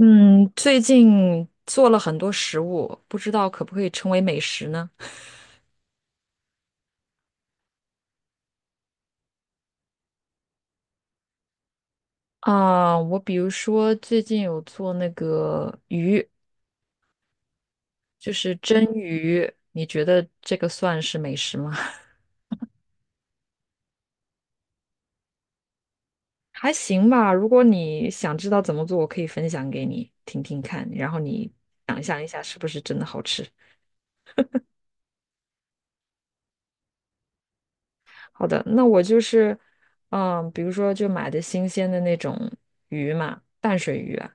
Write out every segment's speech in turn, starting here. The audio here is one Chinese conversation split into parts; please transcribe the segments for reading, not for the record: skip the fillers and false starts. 嗯，最近做了很多食物，不知道可不可以称为美食呢？啊，我比如说最近有做那个鱼，就是蒸鱼，你觉得这个算是美食吗？还行吧，如果你想知道怎么做，我可以分享给你听听看，然后你想象一下是不是真的好吃。好的，那我就是，嗯，比如说就买的新鲜的那种鱼嘛，淡水鱼啊，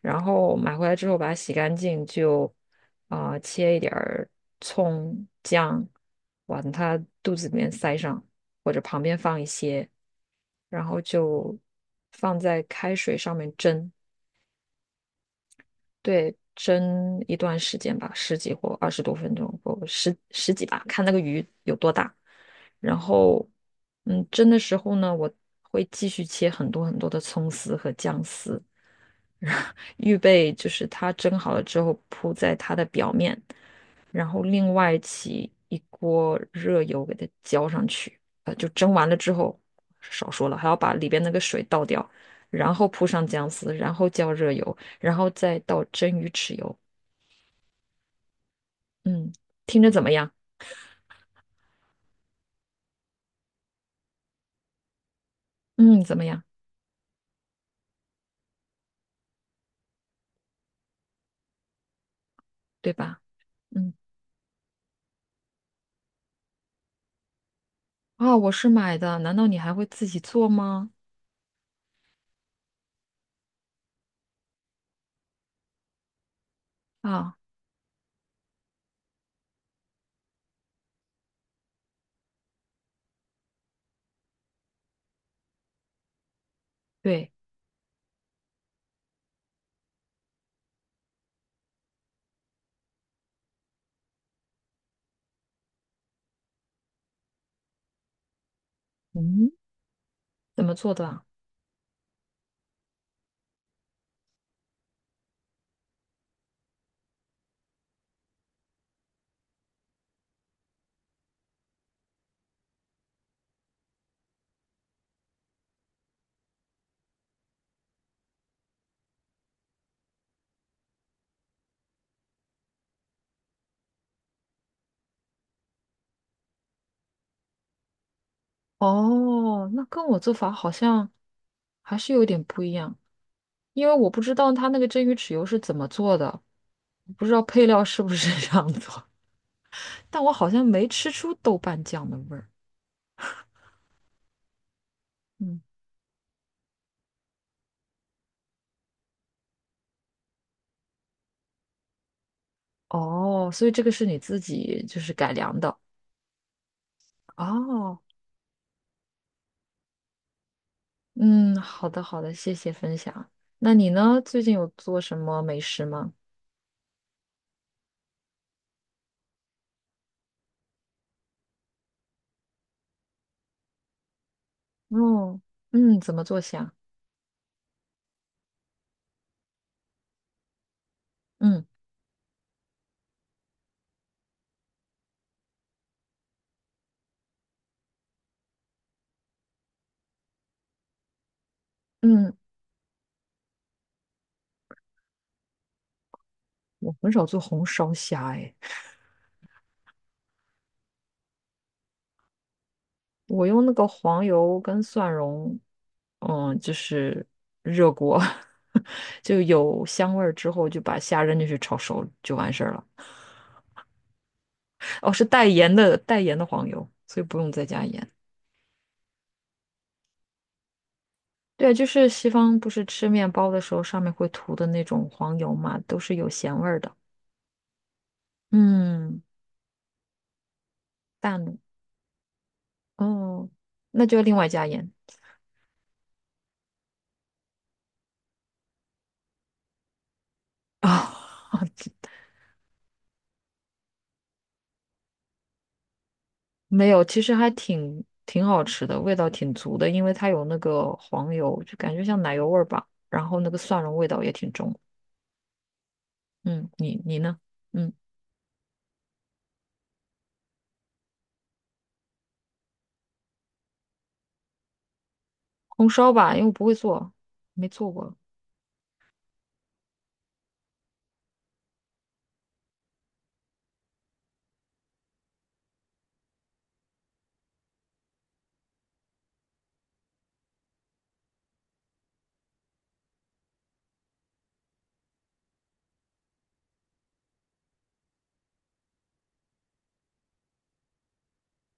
然后买回来之后把它洗干净，就切一点儿葱姜，往它肚子里面塞上，或者旁边放一些，然后就放在开水上面蒸，对，蒸一段时间吧，十几或20多分钟，不十几吧，看那个鱼有多大。然后，嗯，蒸的时候呢，我会继续切很多很多的葱丝和姜丝，然后预备就是它蒸好了之后铺在它的表面，然后另外起一锅热油给它浇上去，就蒸完了之后，少说了，还要把里边那个水倒掉，然后铺上姜丝，然后浇热油，然后再倒蒸鱼豉油。嗯，听着怎么样？嗯，怎么样？对吧？嗯，啊，我是买的，难道你还会自己做吗？啊，对，嗯，怎么做的啊？哦，那跟我做法好像还是有点不一样，因为我不知道它那个蒸鱼豉油是怎么做的。不知道配料是不是这样做，但我好像没吃出豆瓣酱的味儿。嗯，哦，所以这个是你自己就是改良的。哦，嗯，好的好的，谢谢分享。那你呢？最近有做什么美食吗？哦，嗯，怎么做虾？嗯嗯，我很少做红烧虾，哎，我用那个黄油跟蒜蓉，嗯，就是热锅，就有香味儿之后，就把虾扔进去炒熟就完事儿了。哦，是带盐的黄油，所以不用再加盐。对，就是西方不是吃面包的时候上面会涂的那种黄油嘛，都是有咸味儿的。嗯，淡的哦，那就要另外加盐啊。没有，其实还挺好吃的，味道挺足的，因为它有那个黄油，就感觉像奶油味儿吧。然后那个蒜蓉味道也挺重。嗯，你你呢？嗯，红烧吧，因为我不会做，没做过。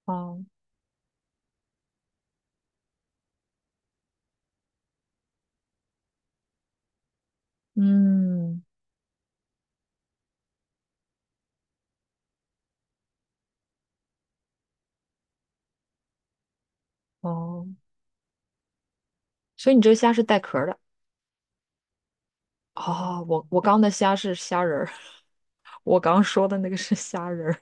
哦，嗯，哦。所以你这个虾是带壳儿的哦。我我刚的虾是虾仁儿，我刚说的那个是虾仁儿。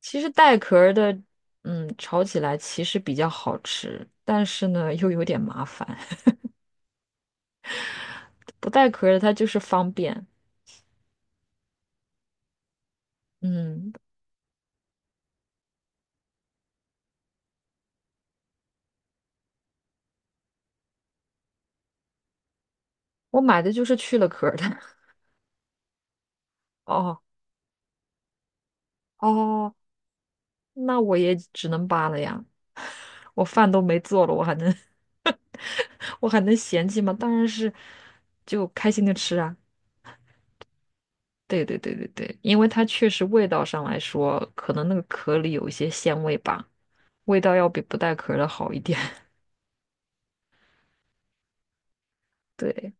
其实带壳儿的，嗯，炒起来其实比较好吃，但是呢又有点麻烦。不带壳儿的它就是方便。嗯，我买的就是去了壳儿的。哦哦，那我也只能扒了呀。我饭都没做了，我还能 我还能嫌弃吗？当然是就开心的吃啊。对对对对对，因为它确实味道上来说，可能那个壳里有一些鲜味吧，味道要比不带壳的好一点。对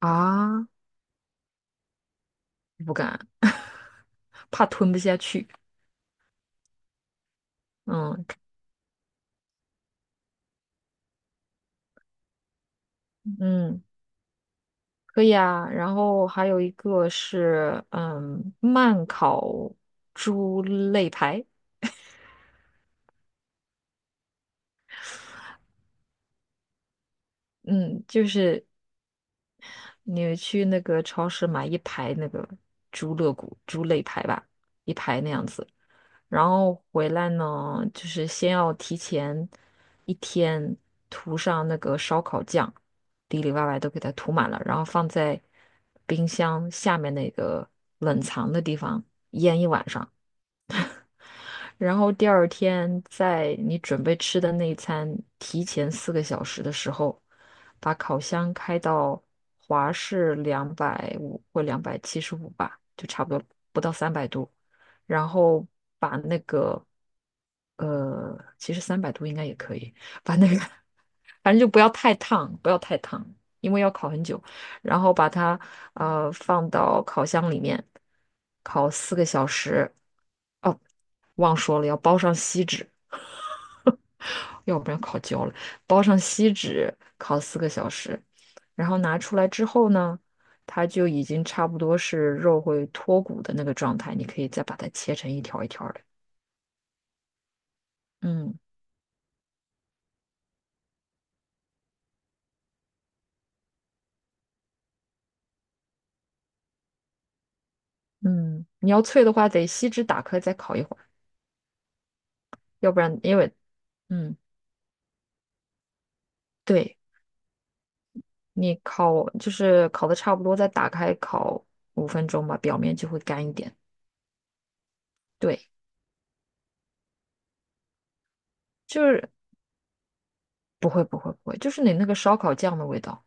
啊，不敢，怕吞不下去。嗯嗯，可以啊。然后还有一个是嗯，慢烤猪肋排。嗯，就是你去那个超市买一排那个猪肋骨、猪肋排吧，一排那样子。然后回来呢，就是先要提前一天涂上那个烧烤酱，里里外外都给它涂满了，然后放在冰箱下面那个冷藏的地方腌一晚上。然后第二天在你准备吃的那一餐提前四个小时的时候，把烤箱开到华氏250或275吧，就差不多不到三百度，然后把那个其实三百度应该也可以，把那个 反正就不要太烫，不要太烫，因为要烤很久。然后把它放到烤箱里面烤四个小时。哦，忘说了，要包上锡纸，要不然烤焦了。包上锡纸烤四个小时，然后拿出来之后呢，它就已经差不多是肉会脱骨的那个状态，你可以再把它切成一条一条的。嗯嗯，你要脆的话，得锡纸打开再烤一会儿，要不然嗯。对。你烤就是烤的差不多，再打开烤5分钟吧，表面就会干一点。对，就是不会不会不会，就是你那个烧烤酱的味道。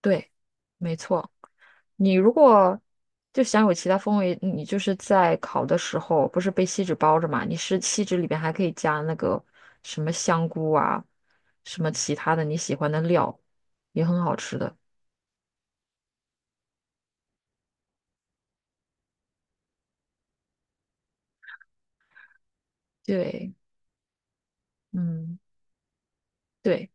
对，没错。你如果就想有其他风味，你就是在烤的时候，不是被锡纸包着嘛？你是锡纸里边还可以加那个什么香菇啊，什么其他的你喜欢的料，也很好吃的。对，嗯，对。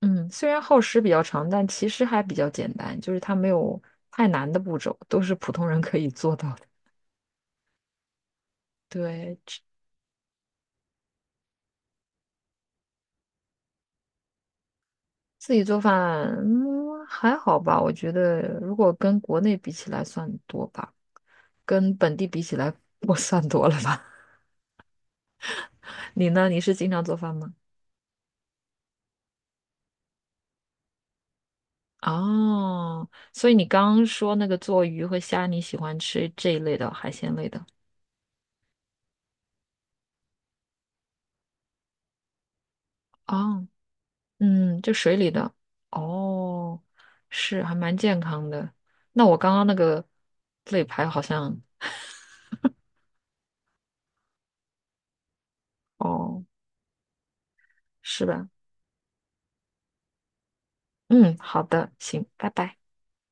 嗯，虽然耗时比较长，但其实还比较简单，就是它没有太难的步骤，都是普通人可以做到的。对，吃自己做饭，嗯，还好吧，我觉得如果跟国内比起来算多吧，跟本地比起来我算多了吧。你呢？你是经常做饭吗？哦，所以你刚刚说那个做鱼和虾，你喜欢吃这一类的海鲜类的。哦，嗯，就水里的，哦，是还蛮健康的。那我刚刚那个肋排好像，哦，是吧？嗯，好的，行，拜拜。